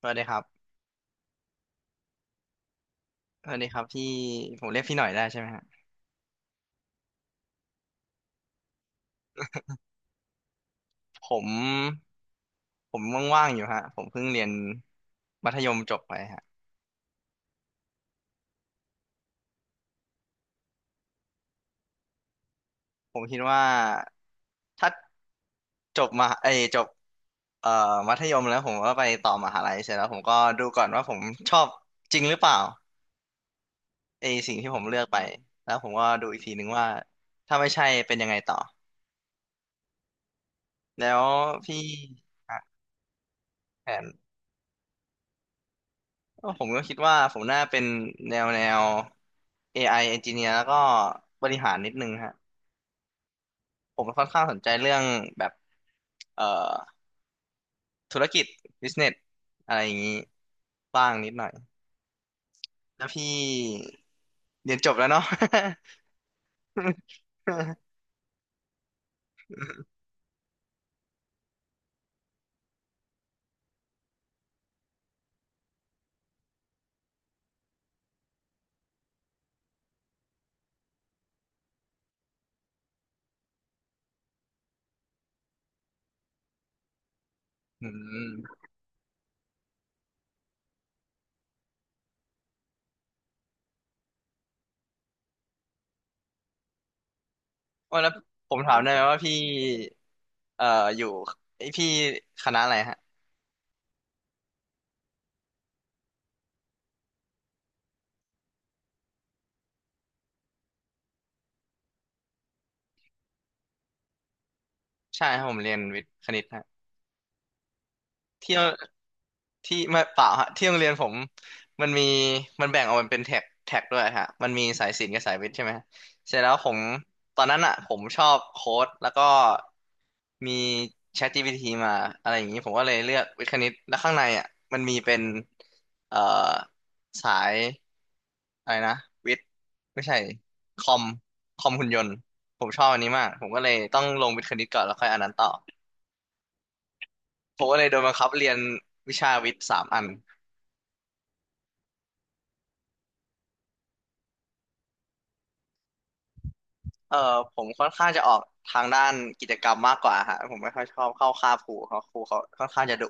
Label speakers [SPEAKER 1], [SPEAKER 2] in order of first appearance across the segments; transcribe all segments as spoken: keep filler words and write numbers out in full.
[SPEAKER 1] สวัสดีครับสวัสดีครับพี่ผมเรียกพี่หน่อยได้ใช่ไหมฮะผมผมว่างๆอยู่ฮะผมเพิ่งเรียนมัธยมจบไปฮะผมคิดว่าถ้าจบมาเอยจบเอ่อมัธยมแล้วผมก็ไปต่อมหาลัยเสร็จแล้วผมก็ดูก่อนว่าผมชอบจริงหรือเปล่าไอสิ่งที่ผมเลือกไปแล้วผมก็ดูอีกทีนึงว่าถ้าไม่ใช่เป็นยังไงต่อแล้วพี่ฮะแผน ก็ผมก็คิดว่าผมน่าเป็นแนวแนว เอ ไอ engineer แล้วก็บริหารนิดนึงฮะผมค่อนข้างสนใจเรื่องแบบเอ่อธุรกิจ business อะไรอย่างนี้บ้างนิดหน่อยแล้วพี่เรียนจบแล้วเนาะ อืมโอ้แล้วผมถามได้ไหมว่าพี่เอ่ออยู่ไอยพี่คณะอะไรฮะใช่ครับผมเรียนวิทย์คณิตฮะเที่ยว ที่ไม่เปล่าฮะที่โรงเรียนผมมันมีมันแบ่งออกเป็นแท็กแท็กด้วยฮะมันมีสายศิลป์กับสายวิทย์ใช่ไหมเสร็จแล้วผมตอนนั้นอ่ะผมชอบโค้ดแล้วก็มี ChatGPT มาอะไรอย่างนี้ผมก็เลยเลือกวิทย์คณิตแล้วข้างในอ่ะมันมีเป็นเอ่อสายอะไรนะวิทย์ไม่ใช่คอมคอมหุ่นยนต์ผมชอบอันนี้มากผมก็เลยต้องลงวิทย์คณิตก่อนแล้วค่อยอันนั้นต่อผมก็เลยโดนบังคับเรียนวิชาวิทย์สามอัน เออผมค่อนข้างจะออกทางด้านกิจกรรมมากกว่าฮะผมไม่ค่อยชอบเข้าค่าบครูเขาครูเขาค่อนข้างจะดุ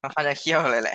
[SPEAKER 1] ค่อนข้างจะเขี่ยวเลยแหละ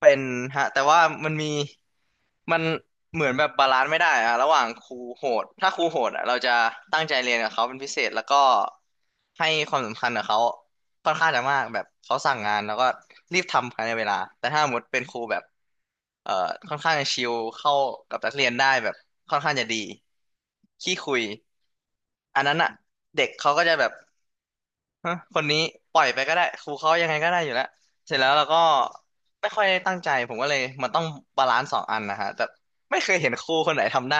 [SPEAKER 1] เป็นฮะแต่ว่ามันมีมันเหมือนแบบบาลานซ์ไม่ได้อะระหว่างครูโหดถ้าครูโหดอะเราจะตั้งใจเรียนกับเขาเป็นพิเศษแล้วก็ให้ความสำคัญกับเขาค่อนข้างจะมากแบบเขาสั่งงานแล้วก็รีบทำภายในเวลาแต่ถ้าสมมติเป็นครูแบบเอ่อค่อนข้างจะชิลเข้ากับนักเรียนได้แบบค่อนข้างจะดีขี้คุยอันนั้นอะเด็กเขาก็จะแบบฮะคนนี้ปล่อยไปก็ได้ครูเขายังไงก็ได้อยู่แล้วเสร็จแล้วเราก็ ไม่ค่อยได้ตั้งใจผมก็เลยมันต้องบาลานซ์สองอันนะฮะแต่ไม่เคยเห็นครูคนไหนทำได้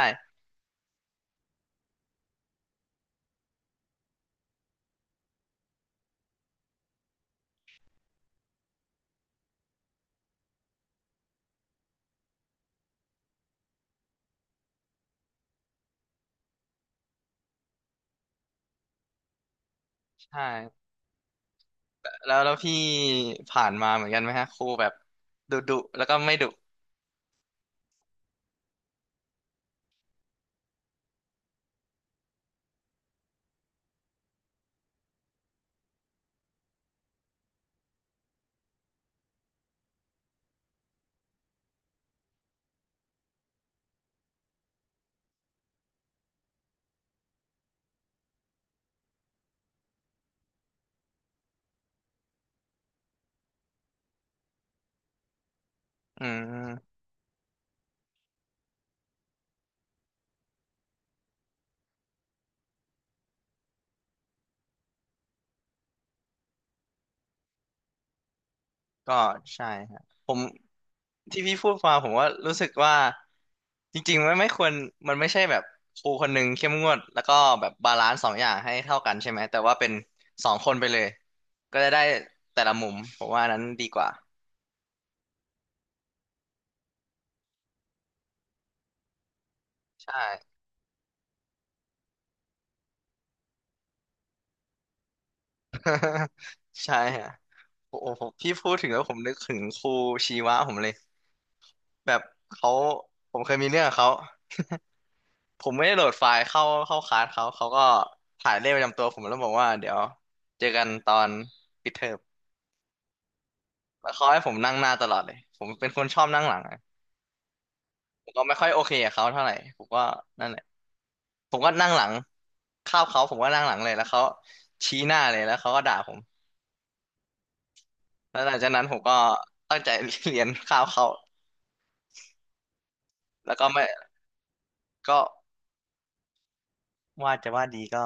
[SPEAKER 1] ใช่แล้วแล้วพี่ผ่านมาเหมือนกันไหมฮะครูแบบดุดุแล้วก็ไม่ดุอืมก็ใช่ฮะผมที่พี่พูดมาผมว่ารู้สึกว่าจริงๆมันไม่ควรมันไม่ใช่แบบครูคนหนึ่งเข้มงวดแล้วก็แบบบาลานซ์สองอย่างให้เท่ากันใช่ไหมแต่ว่าเป็นสองคนไปเลยก็จะได้แต่ละมุมผมว่าอันนั้นดีกว่าใช่ ใช่ฮะโอ้โหผมพี่พูดถึงแล้วผมนึกถึงครูชีวะผมเลยแบบเขาผมเคยมีเรื่องกับเขาผมไม่ได้โหลดไฟล์เข้าเข้าคลาสเขาเขาก็ถ่ายเลขประจำตัวผมแล้วบอกว่าเดี๋ยวเจอกันตอนปิดเทอมแล้วเขาให้ผมนั่งหน้าตลอดเลยผมเป็นคนชอบนั่งหลังอะผมก็ไม่ค่อยโอเคกับเขาเท่าไหร่ผมก็นั่นแหละผมก็นั่งหลังคาบเขาผมก็นั่งหลังเลยแล้วเขาชี้หน้าเลยแล้วเขาก็ด่าผมแล้วหลังจากนั้นผมก็ตั้งใจเรียนคาบเขาแล้วก็ไม่ก็ ว่าจะว่าดีก็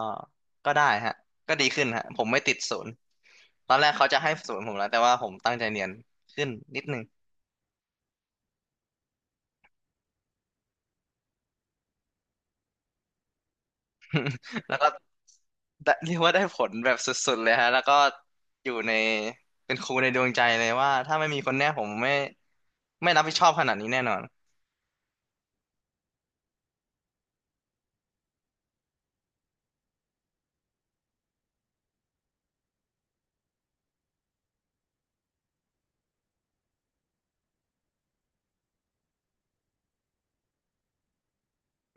[SPEAKER 1] ก็ได้ฮะก็ดีขึ้นฮะผมไม่ติดศูนย์ตอนแรกเขาจะให้ศูนย์ผมแล้วแต่ว่าผมตั้งใจเรียนขึ้นนิดนึง แล้วก็ได้เรียกว่าได้ผลแบบสุดๆเลยฮะแล้วก็อยู่ในเป็นครูในดวงใจเลยว่าถ้าไม่มีคนเนี้ยผมไม่ไม่รับผิดชอบขนาดนี้แน่นอน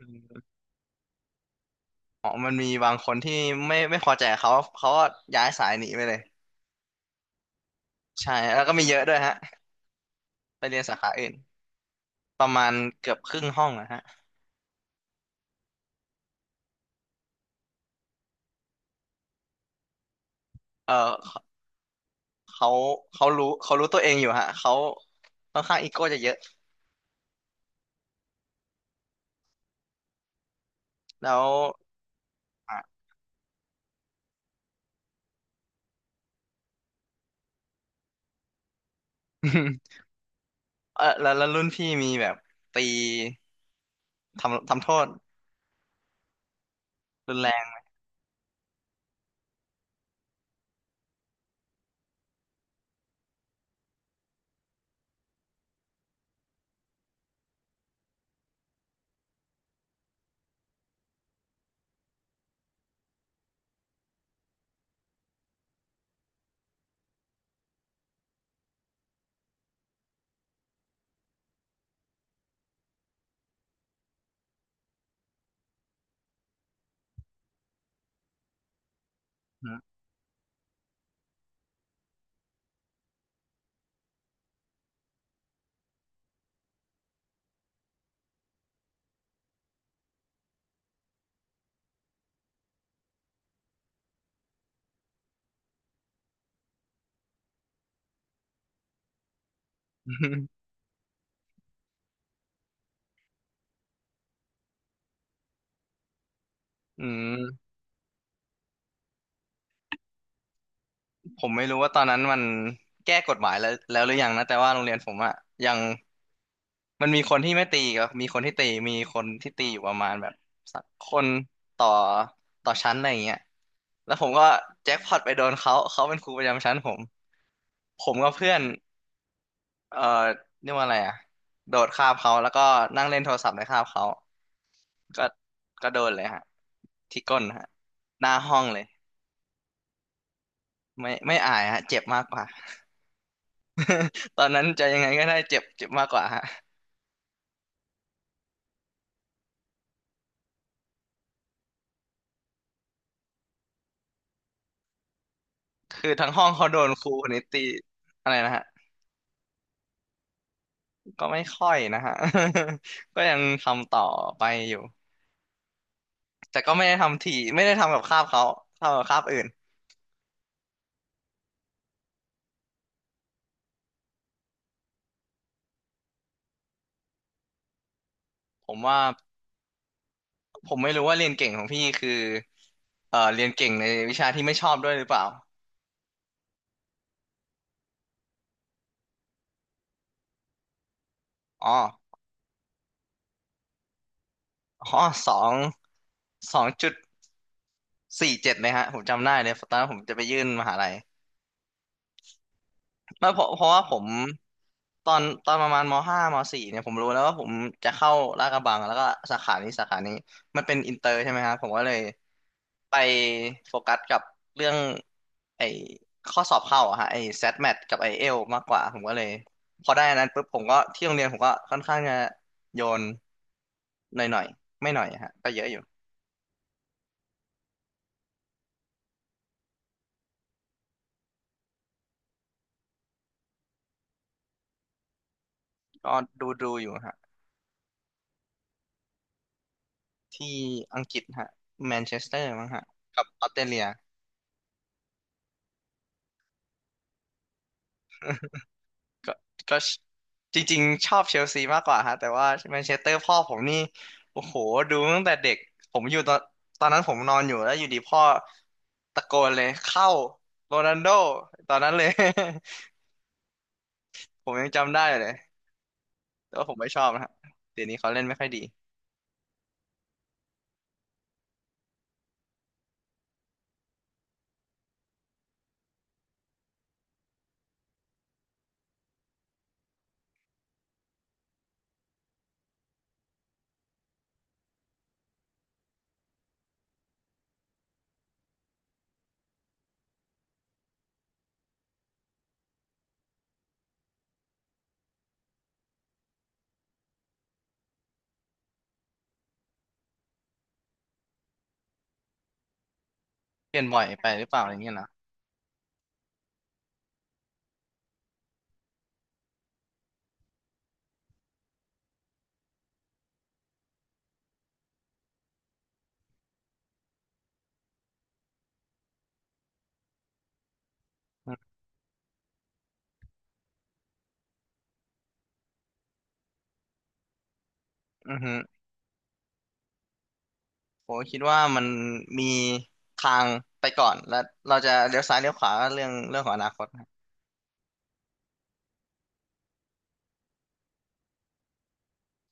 [SPEAKER 1] อืมอ๋อมันมีบางคนที่ไม่ไม่พอใจเขาเขาก็ย้ายสายหนีไปเลยใช่แล้วก็มีเยอะด้วยฮะไปเรียนสาขาอื่นประมาณเกือบครึ่งห้องนะฮะเอ่อ เขาเขารู้เขารู้ตัวเองอยู่ฮะเขาค่อนข้างอีโก้จะเยอะแล้วอ่ะ เออแล้วแล้วรุ่นพี่มีแบบตีทำทำโทษรุนแรงฮะ อืมผมไม่รู้ว่าตอนนั้นมันแก้กฎหมายแล้วแล้วหรือยังนะแต่ว่าโรงเรียนผมอะยังมันมีคนที่ไม่ตีก็มีคนที่ตีมีคนที่ตีอยู่ประมาณแบบสักคนต่อต่อชั้นอะไรอย่างเงี้ยแล้วผมก็แจ็คพอตไปโดนเขาเขาเป็นครูประจำชั้นผมผมกับเพื่อน เอ่อเรียกว่าอะไรอ่ะโดดคาบเขาแล้วก็นั่งเล่นโทรศัพท์ในคาบเขาก็ก็โดนเลยฮะที่ก้นฮะหน้าห้องเลยไม่ไม่อายฮะเจ็บมากกว่า ตอนนั้นจะยังไงก็ได้เจ็บเจ็บมากกว่าฮะคือทั้งห้องเขาโดนครูคนนี้ตีอะไรนะฮะก็ไม่ค่อยนะฮะ ก็ยังทำต่อไปอยู่แต่ก็ไม่ได้ทำถี่ไม่ได้ทำกับคาบเขาทำกับคาบอื่นผมว่าผมไม่รู้ว่าเรียนเก่งของพี่คือเอ่อเรียนเก่งในวิชาที่ไม่ชอบด้วยหรือเปล่า อ๋ออ๋อสองสองจุดสี่เจ็ดเลยฮะผมจำได้เลย ตอนนั้นผมจะไปยื่นมหาลัยไม่เพราะเพราะว่าผมตอนตอนประมาณมห้ามสี่เนี่ยผมรู้แล้วว่าผมจะเข้าลาดกระบังแล้วก็สาขานี้สาขานี้มันเป็นอินเตอร์ใช่ไหมครับ ผมก็เลยไปโฟกัสกับเรื่องไอ้ข้อสอบเข้าอะฮะไอ้ เอส เอ ที เอ็ม เอ ที กับไอ้เอลมากกว่าผมก็เลยพอได้อันนั้นปุ๊บผมก็ที่โรงเรียนผมก็ค่อนข้างจะโยนหน่อยๆไม่หน่อยอะฮะก็เยอะอยู่ก็ดูดูอยู่ฮะ ที่อังกฤษฮะแมนเชสเตอร์มั้งฮะกับออสเตรเลีย ก็ก็จริงๆชอบเชลซีมากกว่าฮะแต่ว่าแมนเชสเตอร์พ่อผมนี่โอ้โหดูตั้งแต่เด็กผมอยู่ตอนตอนนั้นผมนอนอยู่แล้วอยู่ดีพ่อตะโกนเลยเข้าโรนัลโดตอนนั้นเลย ผมยังจำได้เลยแต่ว่าผมไม่ชอบนะฮะเดี๋ยวนี้เขาเล่นไม่ค่อยดีเปลี่ยนบ่อยไปหรือเปล่าอะไรเงี้ยนะอือฮึ ผมคิดว่ามันมีทางไปก่อนและเราจะเลี้ยวซ้ายเลี้ยวขวาก็เรื่องเรื่องของอนาคตครับ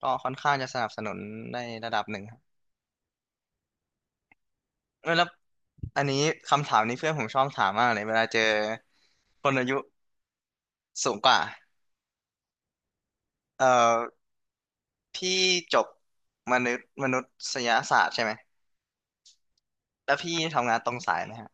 [SPEAKER 1] ก็ค่อนข้างจะสนับสนุนในระดับหนึ่งครับเออแล้วอันนี้คำถามนี้เพื่อนผมชอบถามมากเลยเวลาเจอคนอายุสูงกว่าเอ่อพี่จบมนุษย์มนุษยศาสตร์ใช่ไหมแล้วพี่ทำงานตรงสายไหมฮะ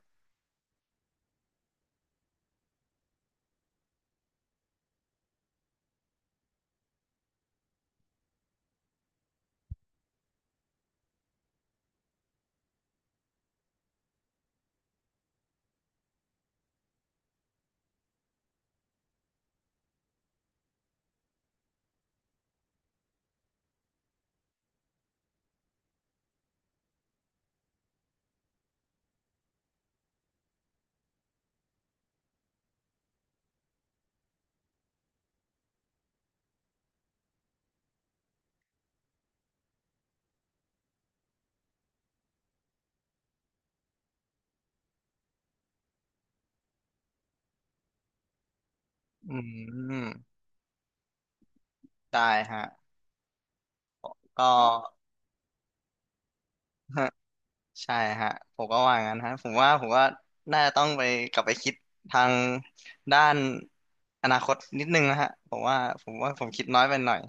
[SPEAKER 1] อืมได้ฮะก็ ใช่ฮะผมก็ว่างั้นฮะผมว่าผมว่าน่าจะต้องไปกลับไปคิดทางด้านอนาคตนิดนึงนะฮะผมว่าผมว่าผมคิดน้อยไปหน่อย